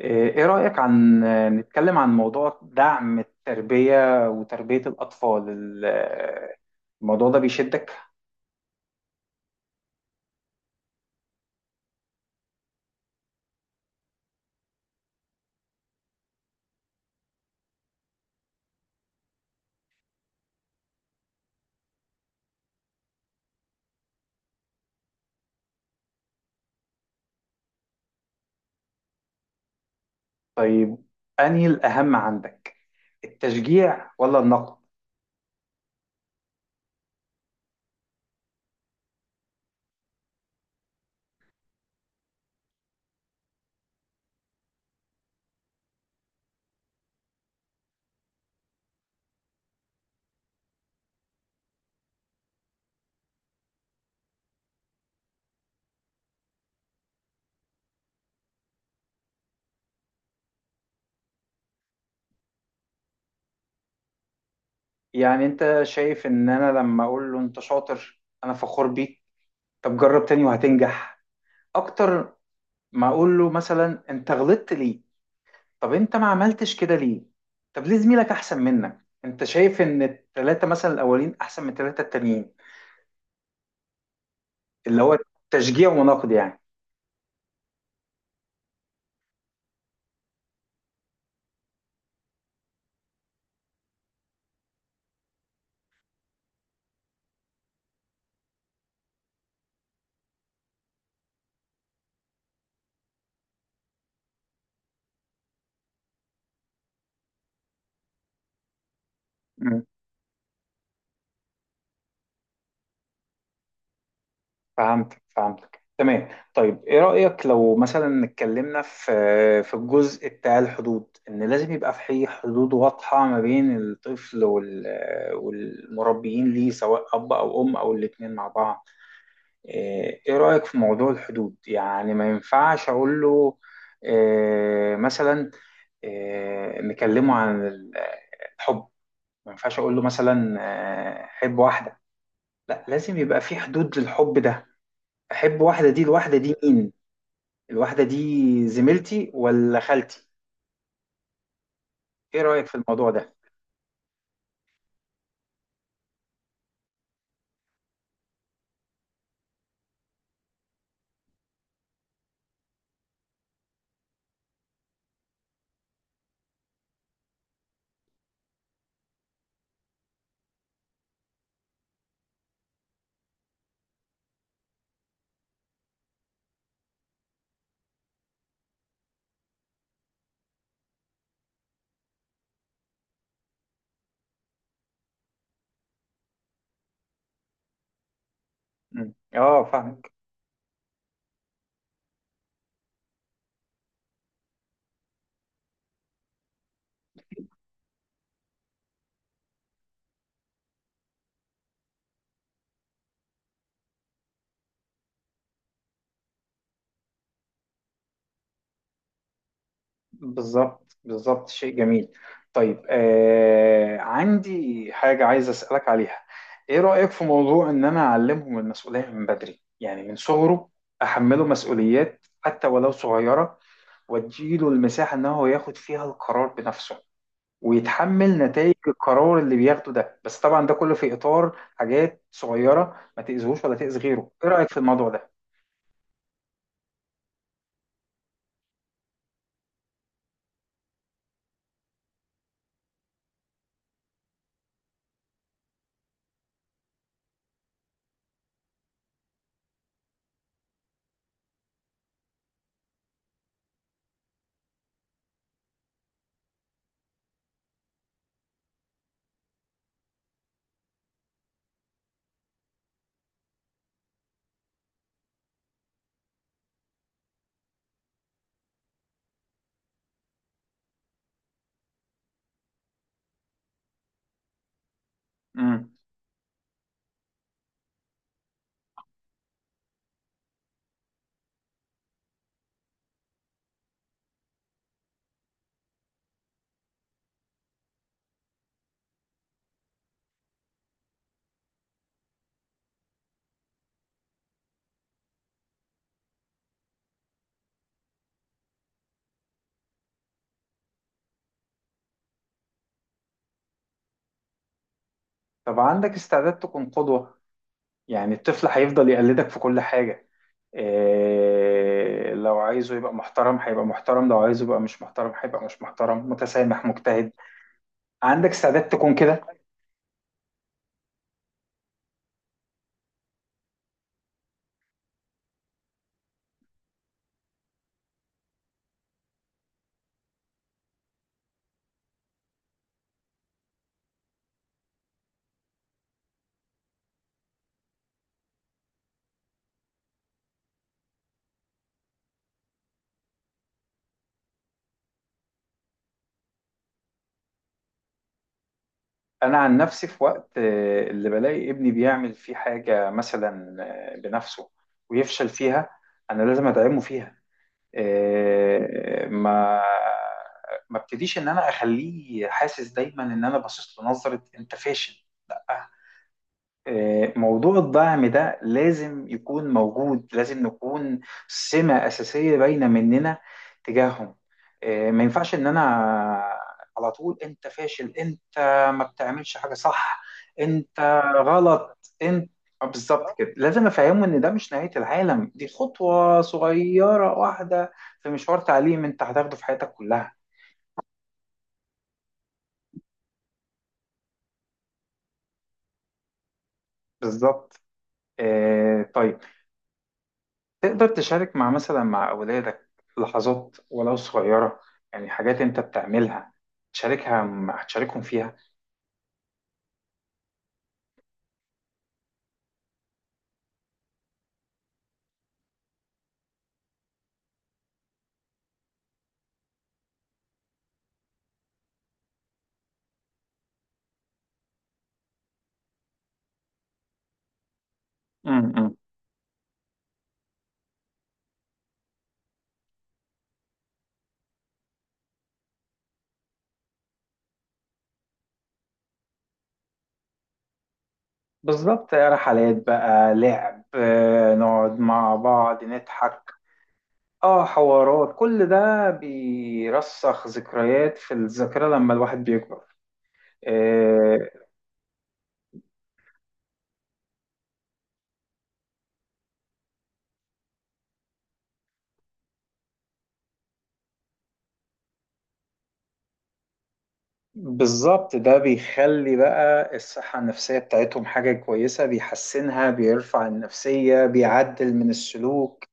إيه رأيك، نتكلم عن موضوع دعم التربية وتربية الأطفال. الموضوع ده بيشدك؟ طيب، أنهي الأهم عندك، التشجيع ولا النقد؟ يعني أنت شايف إن أنا لما أقول له أنت شاطر، أنا فخور بيك، طب جرب تاني وهتنجح أكتر، ما أقول له مثلا أنت غلطت ليه؟ طب أنت ما عملتش كده ليه؟ طب ليه زميلك أحسن منك؟ أنت شايف إن التلاتة مثلا الأولين أحسن من التلاتة التانيين؟ اللي هو تشجيع ونقد يعني. مم. فهمتك فهمتك تمام. طيب، ايه رأيك لو مثلا اتكلمنا في الجزء بتاع الحدود، ان لازم يبقى في حدود واضحة ما بين الطفل والمربيين ليه، سواء اب او ام او الاتنين مع بعض؟ إيه رأيك في موضوع الحدود؟ يعني ما ينفعش اقول له إيه مثلا؟ إيه نكلمه عن الحب؟ ما ينفعش اقول له مثلا، حب واحدة. لا، لازم يبقى في حدود للحب ده. احب واحده، دي الواحده دي مين؟ الواحده دي زميلتي ولا خالتي؟ ايه رايك في الموضوع ده؟ مم. اه، فاهمك. بالظبط بالظبط، شيء جميل. طيب، عندي حاجه عايز اسالك عليها. ايه رايك في موضوع ان انا اعلمهم المسؤوليه من بدري، يعني من صغره احمله مسؤوليات حتى ولو صغيره، واديله المساحه ان هو ياخد فيها القرار بنفسه، ويتحمل نتائج القرار اللي بياخده ده، بس طبعا ده كله في إطار حاجات صغيرة ما تأذيهوش ولا تأذي غيره. إيه رأيك في الموضوع ده؟ امم. طب عندك استعداد تكون قدوة؟ يعني الطفل هيفضل يقلدك في كل حاجة. لو عايزه يبقى محترم هيبقى محترم، لو عايزه يبقى مش محترم هيبقى مش محترم، متسامح، مجتهد. عندك استعداد تكون كده؟ أنا عن نفسي، في وقت اللي بلاقي ابني بيعمل فيه حاجة مثلا بنفسه ويفشل فيها، أنا لازم أدعمه فيها. آه، ما ما ابتديش ان انا اخليه حاسس دايما ان انا باصص له نظره انت فاشل، لا. موضوع الدعم ده لازم يكون موجود، لازم نكون سمة أساسية باينة مننا تجاههم. ما ينفعش إن أنا على طول، أنت فاشل، أنت ما بتعملش حاجة صح، أنت غلط، أنت. بالظبط كده، لازم أفهمه إن ده مش نهاية العالم، دي خطوة صغيرة واحدة في مشوار تعليم أنت هتاخده في حياتك كلها. بالظبط. طيب، تقدر تشارك مع مثلا مع أولادك لحظات ولو صغيرة؟ يعني حاجات أنت بتعملها، تشاركها مع تشاركهم فيها. امم. بالظبط، رحلات بقى، لعب، نقعد مع بعض نضحك. اه، حوارات، كل ده بيرسخ ذكريات في الذاكرة لما الواحد بيكبر. آه، بالظبط. ده بيخلي بقى الصحة النفسية بتاعتهم حاجة كويسة، بيحسنها، بيرفع النفسية، بيعدل من السلوك،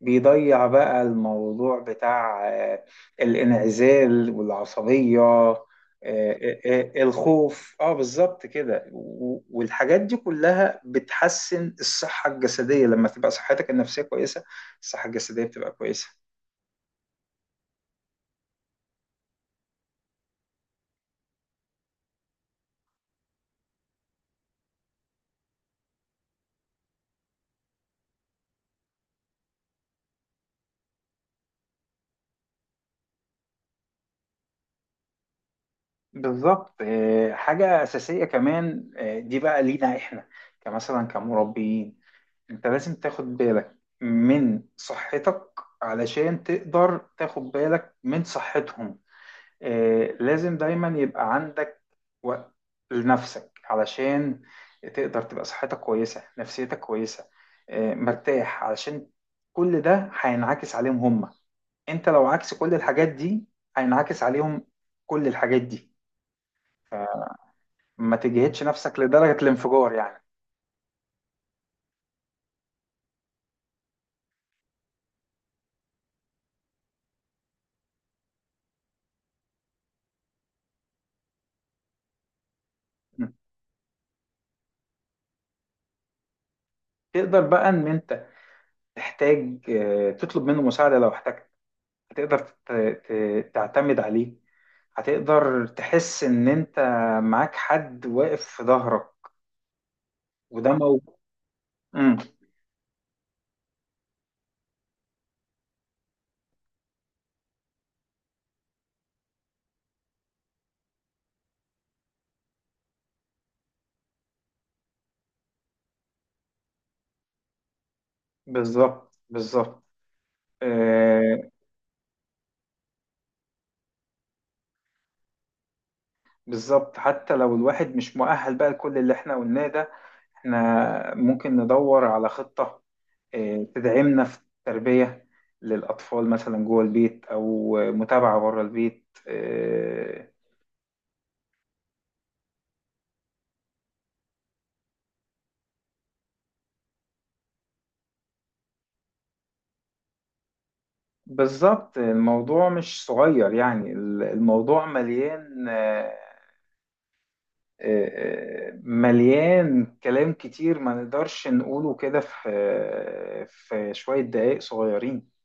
بيضيع بقى الموضوع بتاع الانعزال والعصبية. آه، آه، الخوف، بالظبط كده. والحاجات دي كلها بتحسن الصحة الجسدية، لما تبقى صحتك النفسية كويسة، الصحة الجسدية بتبقى كويسة. بالظبط. حاجة أساسية كمان، دي بقى لينا إحنا كمثلا كمربيين، أنت لازم تاخد بالك من صحتك علشان تقدر تاخد بالك من صحتهم. لازم دايما يبقى عندك وقت لنفسك علشان تقدر تبقى صحتك كويسة، نفسيتك كويسة، مرتاح، علشان كل ده هينعكس عليهم هم، انت لو عكس كل الحاجات دي هينعكس عليهم كل الحاجات دي. ما تجهدش نفسك لدرجة الانفجار يعني. م. تقدر بقى ان انت تحتاج تطلب منه مساعدة لو احتجت. تقدر تعتمد عليه، هتقدر تحس ان انت معاك حد واقف في ظهرك، وده مو. امم. بالظبط بالظبط. آه بالظبط، حتى لو الواحد مش مؤهل بقى لكل اللي احنا قلناه ده، احنا ممكن ندور على خطة تدعمنا في التربية للأطفال، مثلا جوه البيت أو متابعة بره البيت. بالظبط، الموضوع مش صغير يعني، الموضوع مليان، مليان كلام كتير، ما نقدرش نقوله كده في شوية دقايق صغيرين.